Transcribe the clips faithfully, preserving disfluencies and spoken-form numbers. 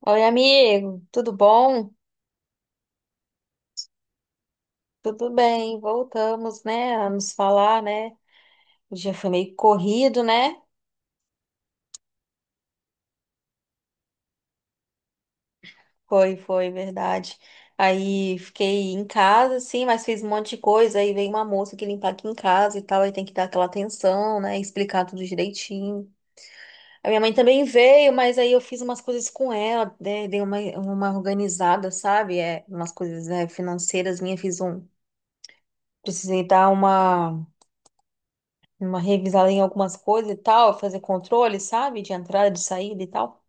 Oi, amigo, tudo bom? Tudo bem, voltamos, né, a nos falar, né? O dia foi meio corrido, né? Foi, foi, verdade. Aí fiquei em casa, sim, mas fiz um monte de coisa. Aí veio uma moça que limpar aqui em casa e tal, aí tem que dar aquela atenção, né? Explicar tudo direitinho. A minha mãe também veio, mas aí eu fiz umas coisas com ela, né, dei uma, uma organizada, sabe? É, umas coisas, né, financeiras minhas, fiz um. Precisei dar uma. uma revisada em algumas coisas e tal, fazer controle, sabe? De entrada, de saída e tal.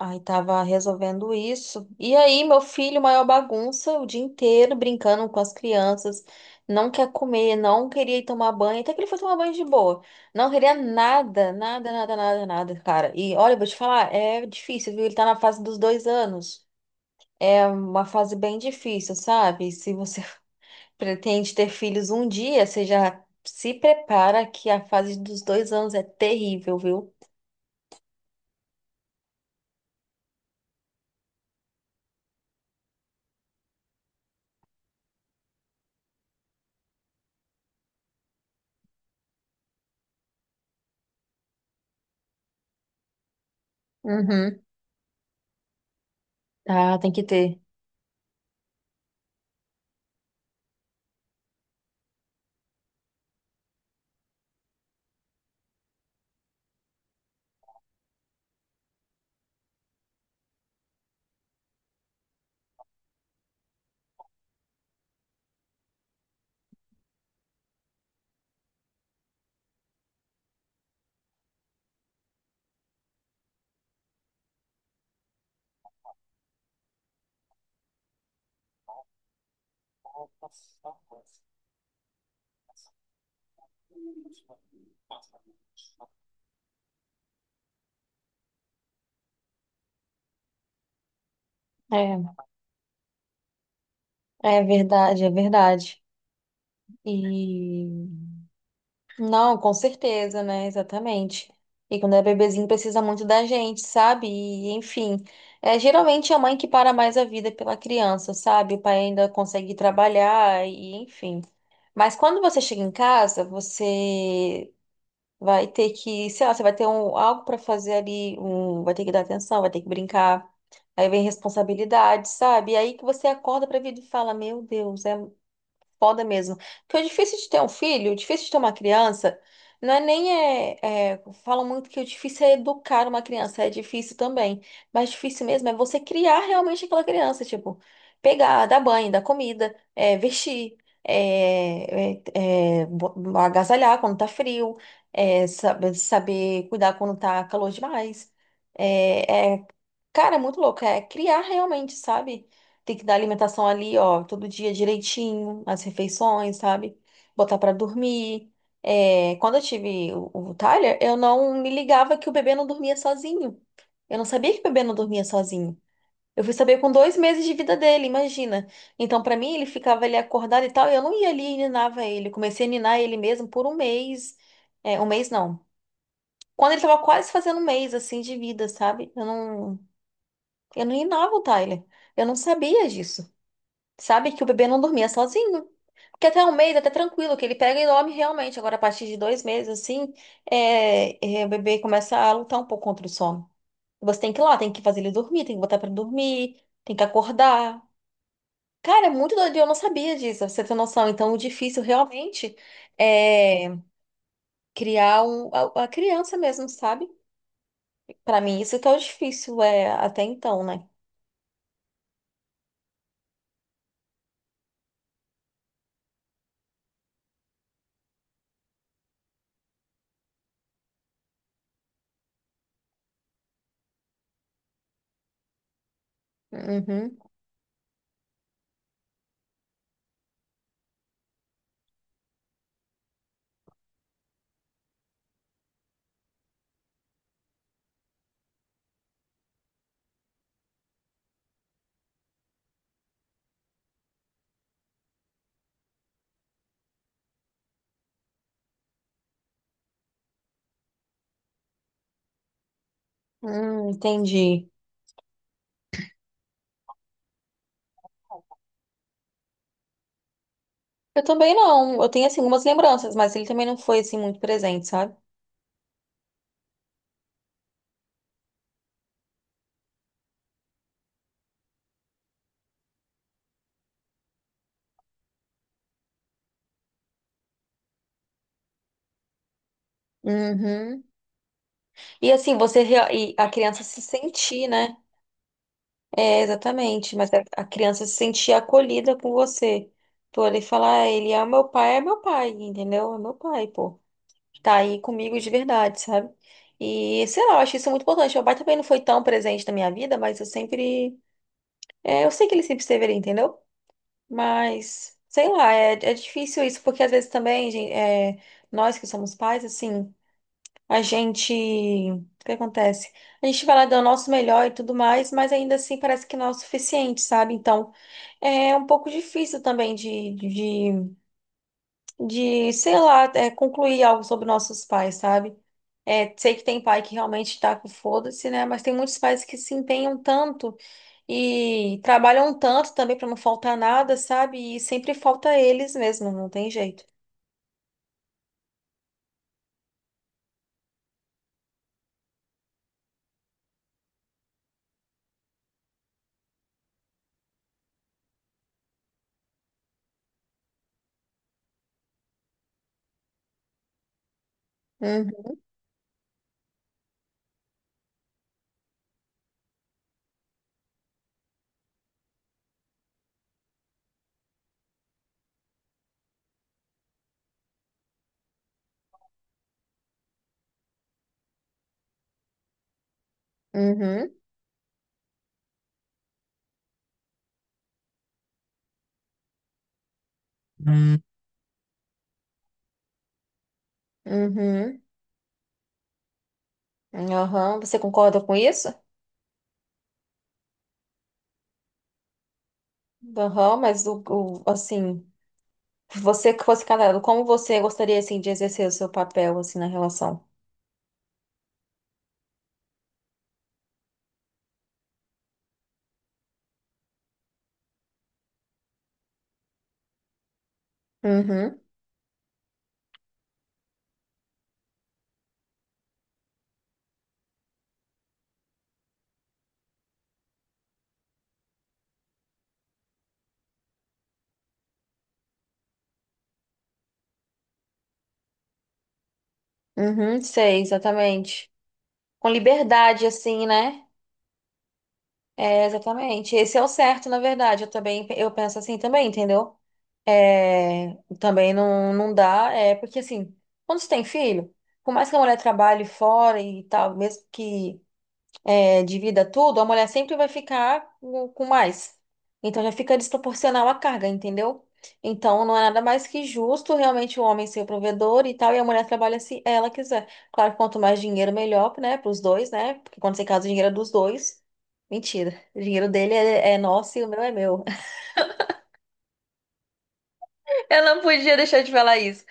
Aí tava resolvendo isso. E aí, meu filho, maior bagunça o dia inteiro, brincando com as crianças. Não quer comer, não queria ir tomar banho. Até que ele foi tomar banho de boa. Não queria nada, nada, nada, nada, nada, cara. E olha, eu vou te falar, é difícil, viu? Ele tá na fase dos dois anos. É uma fase bem difícil, sabe? Se você pretende ter filhos um dia, você já se prepara que a fase dos dois anos é terrível, viu? Uhum. Ah, tem que ter. É, é verdade, é verdade. E não, com certeza, né? Exatamente. E quando é bebezinho precisa muito da gente, sabe? E enfim, é geralmente é a mãe que para mais a vida pela criança, sabe? O pai ainda consegue trabalhar e enfim. Mas quando você chega em casa, você vai ter que, sei lá, você vai ter um, algo para fazer ali, um, vai ter que dar atenção, vai ter que brincar. Aí vem responsabilidade, sabe? E aí que você acorda pra vida e fala, meu Deus, é foda mesmo. Porque o difícil de ter um filho, o difícil de ter uma criança, não é nem. É, é, falam muito que o difícil é educar uma criança, é difícil também. Mas difícil mesmo é você criar realmente aquela criança, tipo, pegar, dar banho, dar comida, é, vestir, é, é, é, bo- agasalhar quando tá frio, é, saber, saber cuidar quando tá calor demais. É, é, cara, é muito louco, é criar realmente, sabe? Tem que dar alimentação ali, ó, todo dia direitinho, as refeições, sabe? Botar pra dormir. É, quando eu tive o, o Tyler, eu não me ligava que o bebê não dormia sozinho. Eu não sabia que o bebê não dormia sozinho. Eu fui saber com dois meses de vida dele, imagina. Então, pra mim, ele ficava ali acordado e tal, e eu não ia ali e ninava ele. Eu comecei a ninar ele mesmo por um mês. É, um mês não. Quando ele tava quase fazendo um mês, assim, de vida, sabe? Eu não, eu não ninava o Tyler. Eu não sabia disso. Sabe que o bebê não dormia sozinho. Porque até um mês, até tranquilo, que ele pega e dorme realmente. Agora, a partir de dois meses, assim, é, é, o bebê começa a lutar um pouco contra o sono. Você tem que ir lá, tem que fazer ele dormir, tem que botar pra dormir, tem que acordar. Cara, é muito doido, e eu não sabia disso, pra você ter noção. Então, o difícil realmente é criar um- a, a criança mesmo, sabe? Pra mim, isso que é o difícil, é até então, né? Uhum. Hum, entendi. Eu também não. Eu tenho, assim, algumas lembranças, mas ele também não foi, assim, muito presente, sabe? Uhum. E, assim, você... rea- e a criança se sentir, né? É, exatamente. Mas a a criança se sentir acolhida com você. Pô, ele falar, "Ah, ele é meu pai, é meu pai, entendeu? É meu pai, pô. Tá aí comigo de verdade, sabe?" E, sei lá, eu acho isso muito importante. Meu pai também não foi tão presente na minha vida, mas eu sempre, é, eu sei que ele sempre esteve ali, entendeu? Mas, sei lá, é, é difícil isso, porque às vezes também, gen- é, nós que somos pais, assim, a gente. O que acontece? A gente vai lá dar o nosso melhor e tudo mais, mas ainda assim parece que não é o suficiente, sabe? Então, é um pouco difícil também de, de, de sei lá, é, concluir algo sobre nossos pais, sabe? É, sei que tem pai que realmente tá com foda-se, né? Mas tem muitos pais que se empenham tanto. E trabalham tanto também para não faltar nada, sabe? E sempre falta eles mesmo, não tem jeito. Uhum, uhum, hum, uhum, aham. Você concorda com isso? Aham, mas o, o- assim, você que fosse casado, como você gostaria assim de exercer o seu papel assim na relação? Uhum, uhum, sei, exatamente. Com liberdade assim, né? É, exatamente. Esse é o certo, na verdade. Eu também, eu penso assim também, entendeu? É, também não, não dá, é porque assim, quando você tem filho, por mais que a mulher trabalhe fora e tal, mesmo que é, divida tudo, a mulher sempre vai ficar com com mais. Então já fica desproporcional a carga, entendeu? Então não é nada mais que justo realmente o homem ser o provedor e tal, e a mulher trabalha se ela quiser. Claro que quanto mais dinheiro, melhor, né, para os dois, né? Porque quando você casa, o dinheiro é dos dois. Mentira, o dinheiro dele é, é nosso e o meu é meu. Eu não podia deixar de falar isso.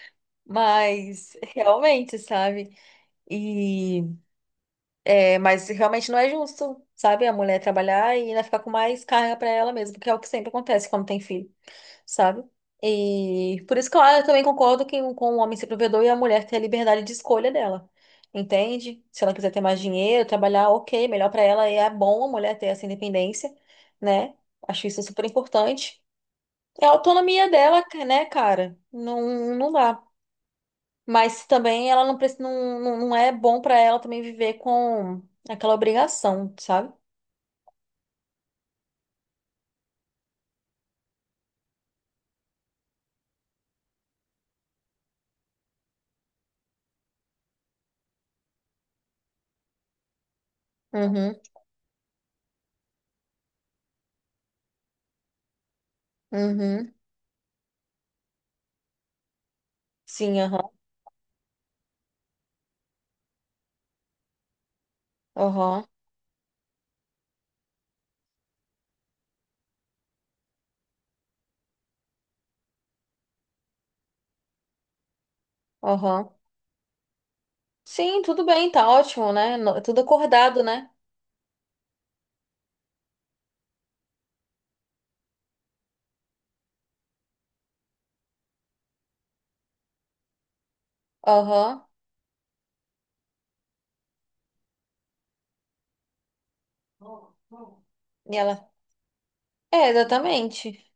Mas realmente, sabe? E. É, mas realmente não é justo, sabe? A mulher trabalhar e ainda ficar com mais carga pra ela mesma, porque é o que sempre acontece quando tem filho, sabe? E por isso que eu, eu também concordo que, com o homem ser provedor e a mulher ter a liberdade de escolha dela, entende? Se ela quiser ter mais dinheiro, trabalhar, ok, melhor pra ela, e é bom a mulher ter essa independência, né? Acho isso super importante. É a autonomia dela, né, cara? Não, não dá. Mas também ela não, preci- não, não não é bom pra ela também viver com aquela obrigação, sabe? Uhum, uhum. Sim, aham, aham, aham. Sim, tudo bem, tá ótimo, né? No- Tudo acordado, né? Aham. E ela. É, exatamente.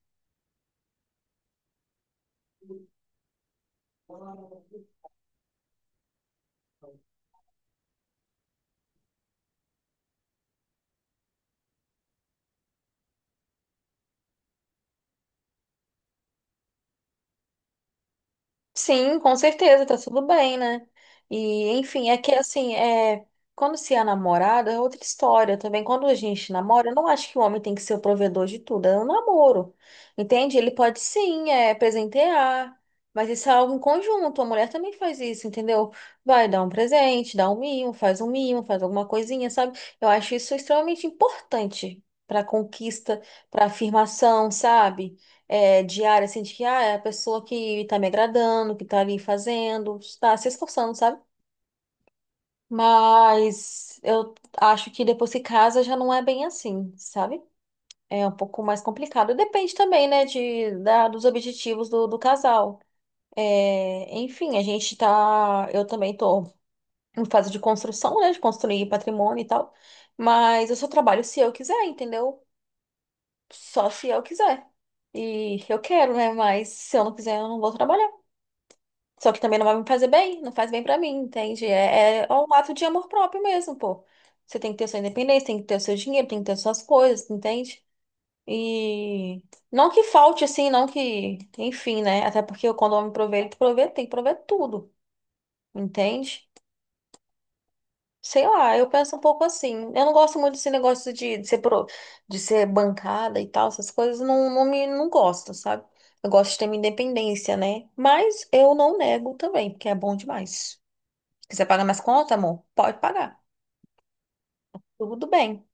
Sim, com certeza, tá tudo bem, né? E, enfim, é que assim, é, quando se é namorado é outra história também. Quando a gente namora, eu não acho que o homem tem que ser o provedor de tudo, é um namoro, entende? Ele pode sim, é, presentear, mas isso é algo em conjunto, a mulher também faz isso, entendeu? Vai dar um presente, dá um mimo, faz um mimo, faz alguma coisinha, sabe? Eu acho isso extremamente importante pra conquista, pra afirmação, sabe? É, diária, assim, de que ah, é a pessoa que tá me agradando, que tá ali fazendo, tá se esforçando, sabe? Mas eu acho que depois que casa já não é bem assim, sabe? É um pouco mais complicado. Depende também, né, de, da, dos objetivos do, do casal. É, enfim, a gente tá. Eu também tô em fase de construção, né, de construir patrimônio e tal. Mas eu só trabalho se eu quiser, entendeu? Só se eu quiser. E eu quero, né? Mas se eu não quiser, eu não vou trabalhar. Só que também não vai me fazer bem, não faz bem pra mim, entende? É, é um ato de amor próprio mesmo, pô. Você tem que ter sua independência, tem que ter o seu dinheiro, tem que ter suas coisas, entende? E não que falte assim, não que, enfim, né? Até porque quando o homem provê, ele provê, tem que prover tudo, entende? Sei lá, eu penso um pouco assim. Eu não gosto muito desse negócio de, de ser pro- de ser bancada e tal, essas coisas, não, não me não gosto, sabe? Eu gosto de ter minha independência, né? Mas eu não nego também, porque é bom demais. Precisa pagar mais conta, amor? Pode pagar. Tudo bem.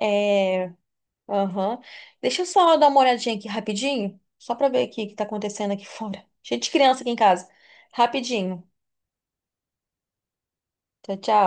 É, aham. Deixa eu só dar uma olhadinha aqui rapidinho, só pra ver aqui o que tá acontecendo aqui fora. Cheio de criança aqui em casa. Rapidinho. Tchau, tchau.